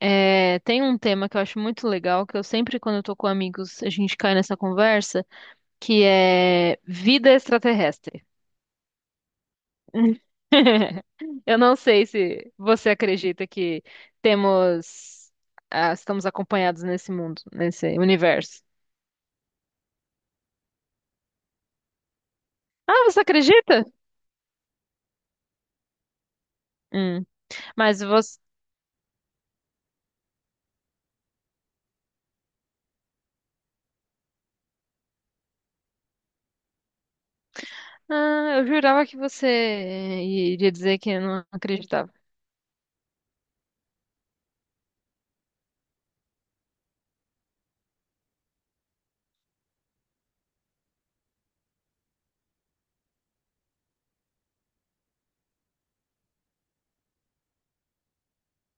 É, tem um tema que eu acho muito legal, que eu sempre, quando eu tô com amigos, a gente cai nessa conversa, que é vida extraterrestre. Eu não sei se você acredita que temos, estamos acompanhados nesse mundo, nesse universo. Ah, você acredita? Hum, mas você, eu jurava que você iria dizer que não acreditava.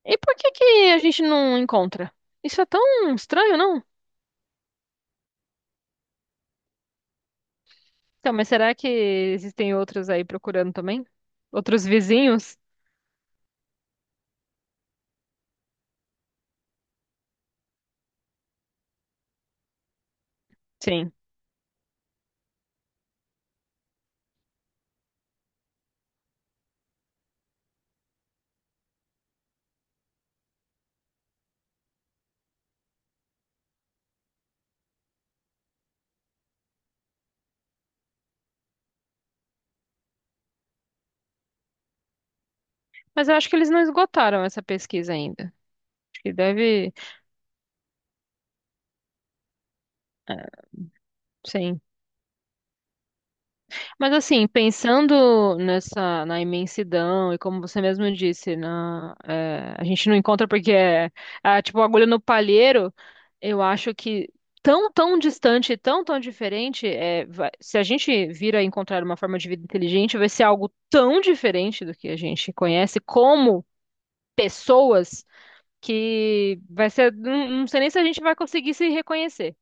E por que que a gente não encontra? Isso é tão estranho, não? Então, mas será que existem outros aí procurando também? Outros vizinhos? Sim. Mas eu acho que eles não esgotaram essa pesquisa ainda. Acho que deve, sim. Mas assim, pensando nessa, na imensidão e como você mesmo disse, na, é, a gente não encontra porque é, é tipo agulha no palheiro. Eu acho que tão, tão distante, tão, tão diferente, é, se a gente vir a encontrar uma forma de vida inteligente, vai ser algo tão diferente do que a gente conhece, como pessoas que vai ser. Não, não sei nem se a gente vai conseguir se reconhecer.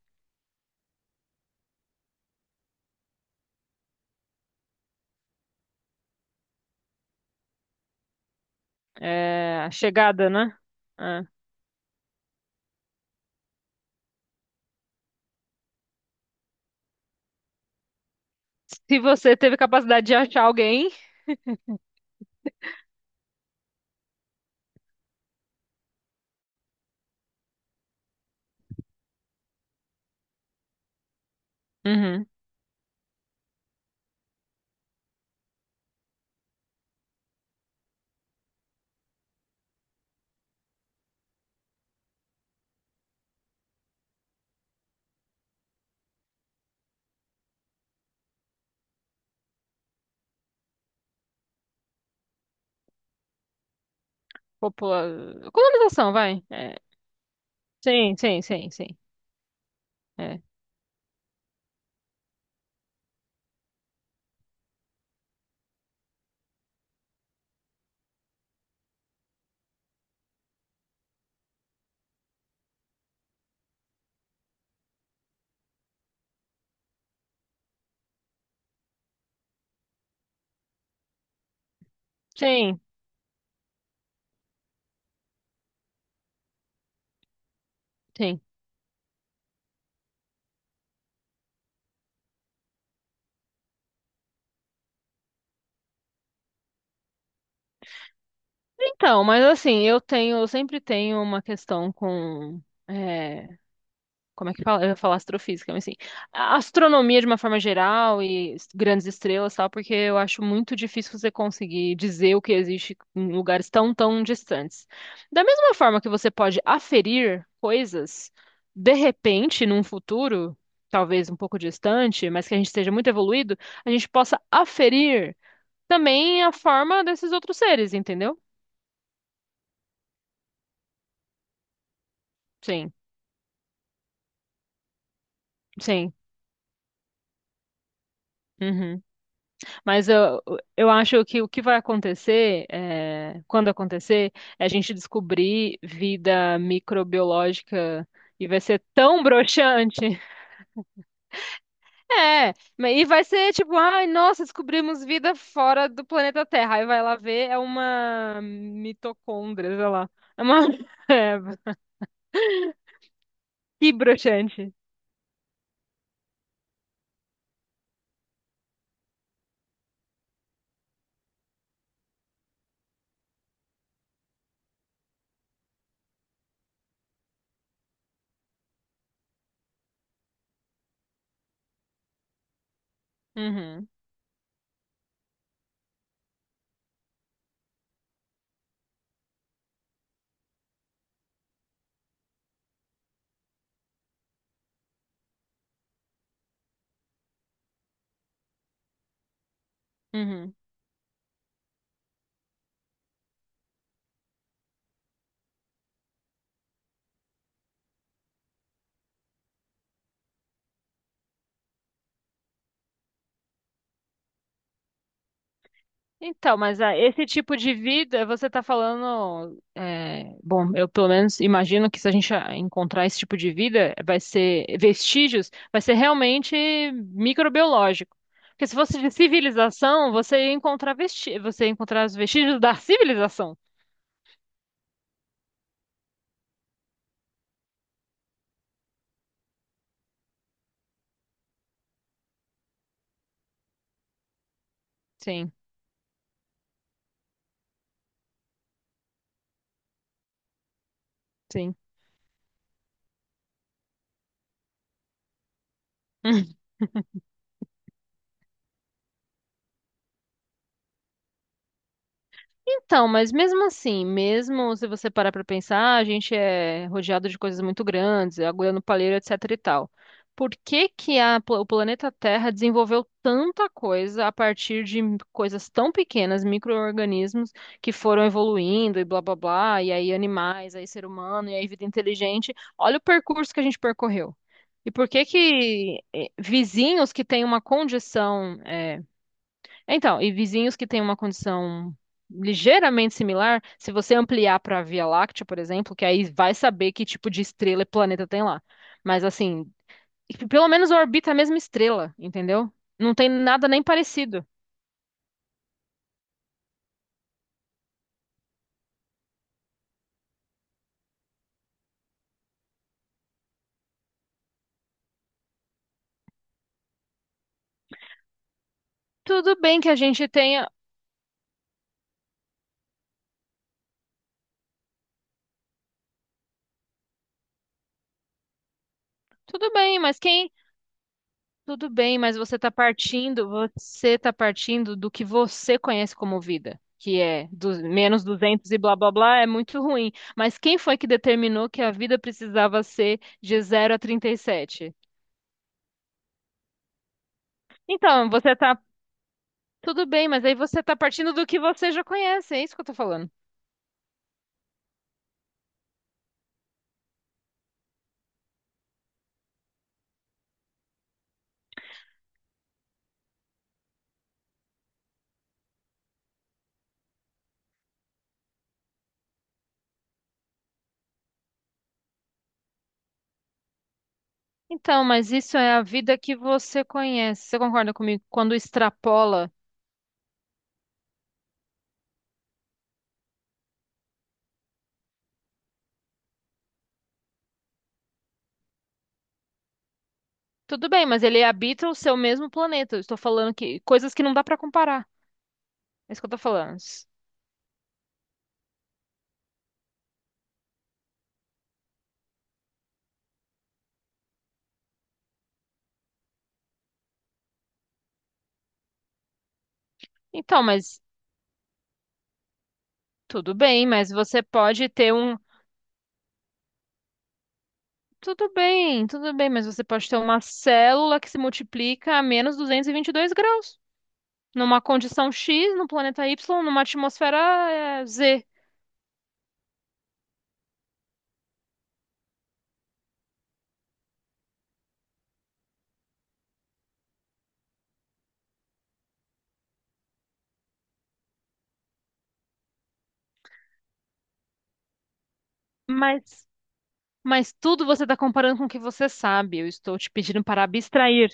É, a chegada, né? É. Se você teve capacidade de achar alguém. Uhum. Popula... colonização, vai. É. Sim, sim, sim, sim. É. Sim, sim. Então, mas assim, eu sempre tenho uma questão com. é, Como é que fala? Eu ia falar astrofísica, mas assim, a astronomia de uma forma geral grandes estrelas, e tal, porque eu acho muito difícil você conseguir dizer o que existe em lugares tão, tão distantes. Da mesma forma que você pode aferir coisas, de repente, num futuro, talvez um pouco distante, mas que a gente esteja muito evoluído, a gente possa aferir também a forma desses outros seres, entendeu? Sim, sim. Uhum. Mas eu acho que o que vai acontecer, é, quando acontecer, é a gente descobrir vida microbiológica e vai ser tão broxante. É, e vai ser tipo, ai, nossa, descobrimos vida fora do planeta Terra. Aí vai lá ver, é uma mitocôndria, sei lá. É uma. É, que broxante. Uhum, uhum. Então, mas esse tipo de vida, você está falando, é, bom, eu pelo menos imagino que se a gente encontrar esse tipo de vida, vai ser vestígios, vai ser realmente microbiológico. Porque se fosse de civilização, você ia encontrar você ia encontrar os vestígios da civilização. Sim, sim. Então, mas mesmo assim, mesmo se você parar pra pensar, a gente é rodeado de coisas muito grandes, agulha no palheiro, etc e tal. Por que que a o planeta Terra desenvolveu tanta coisa a partir de coisas tão pequenas, micro-organismos que foram evoluindo e blá blá blá, e aí animais, aí ser humano, e aí vida inteligente? Olha o percurso que a gente percorreu. E por que que vizinhos que têm uma condição então, e vizinhos que têm uma condição ligeiramente similar, se você ampliar para a Via Láctea, por exemplo, que aí vai saber que tipo de estrela e planeta tem lá. Mas assim, pelo menos orbita a mesma estrela, entendeu? Não tem nada nem parecido. Tudo bem que a gente tenha. Tudo bem, mas quem Tudo bem, mas você está partindo do que você conhece como vida, que é menos 200 e blá blá blá, é muito ruim. Mas quem foi que determinou que a vida precisava ser de 0 a 37? Então, você está Tudo bem, mas aí você está partindo do que você já conhece, é isso que eu estou falando. Então, mas isso é a vida que você conhece. Você concorda comigo? Quando extrapola, tudo bem, mas ele habita o seu mesmo planeta. Eu estou falando que coisas que não dá para comparar. É isso que eu tô falando. Então, mas tudo bem, mas você pode ter um. Tudo bem, mas você pode ter uma célula que se multiplica a menos duzentos e vinte e dois graus, numa condição X, no planeta Y, numa atmosfera Z. Mas, mas tudo você está comparando com o que você sabe. Eu estou te pedindo para abstrair.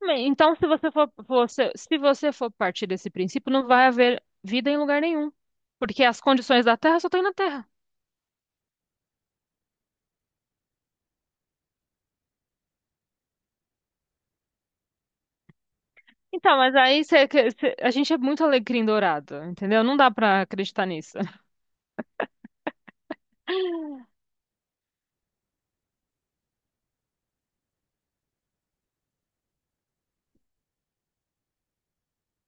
Bem, então, se você for, se você for partir desse princípio, não vai haver vida em lugar nenhum, porque as condições da Terra só tem na Terra. Então, mas aí a gente é muito alecrim dourado, entendeu? Não dá pra acreditar nisso.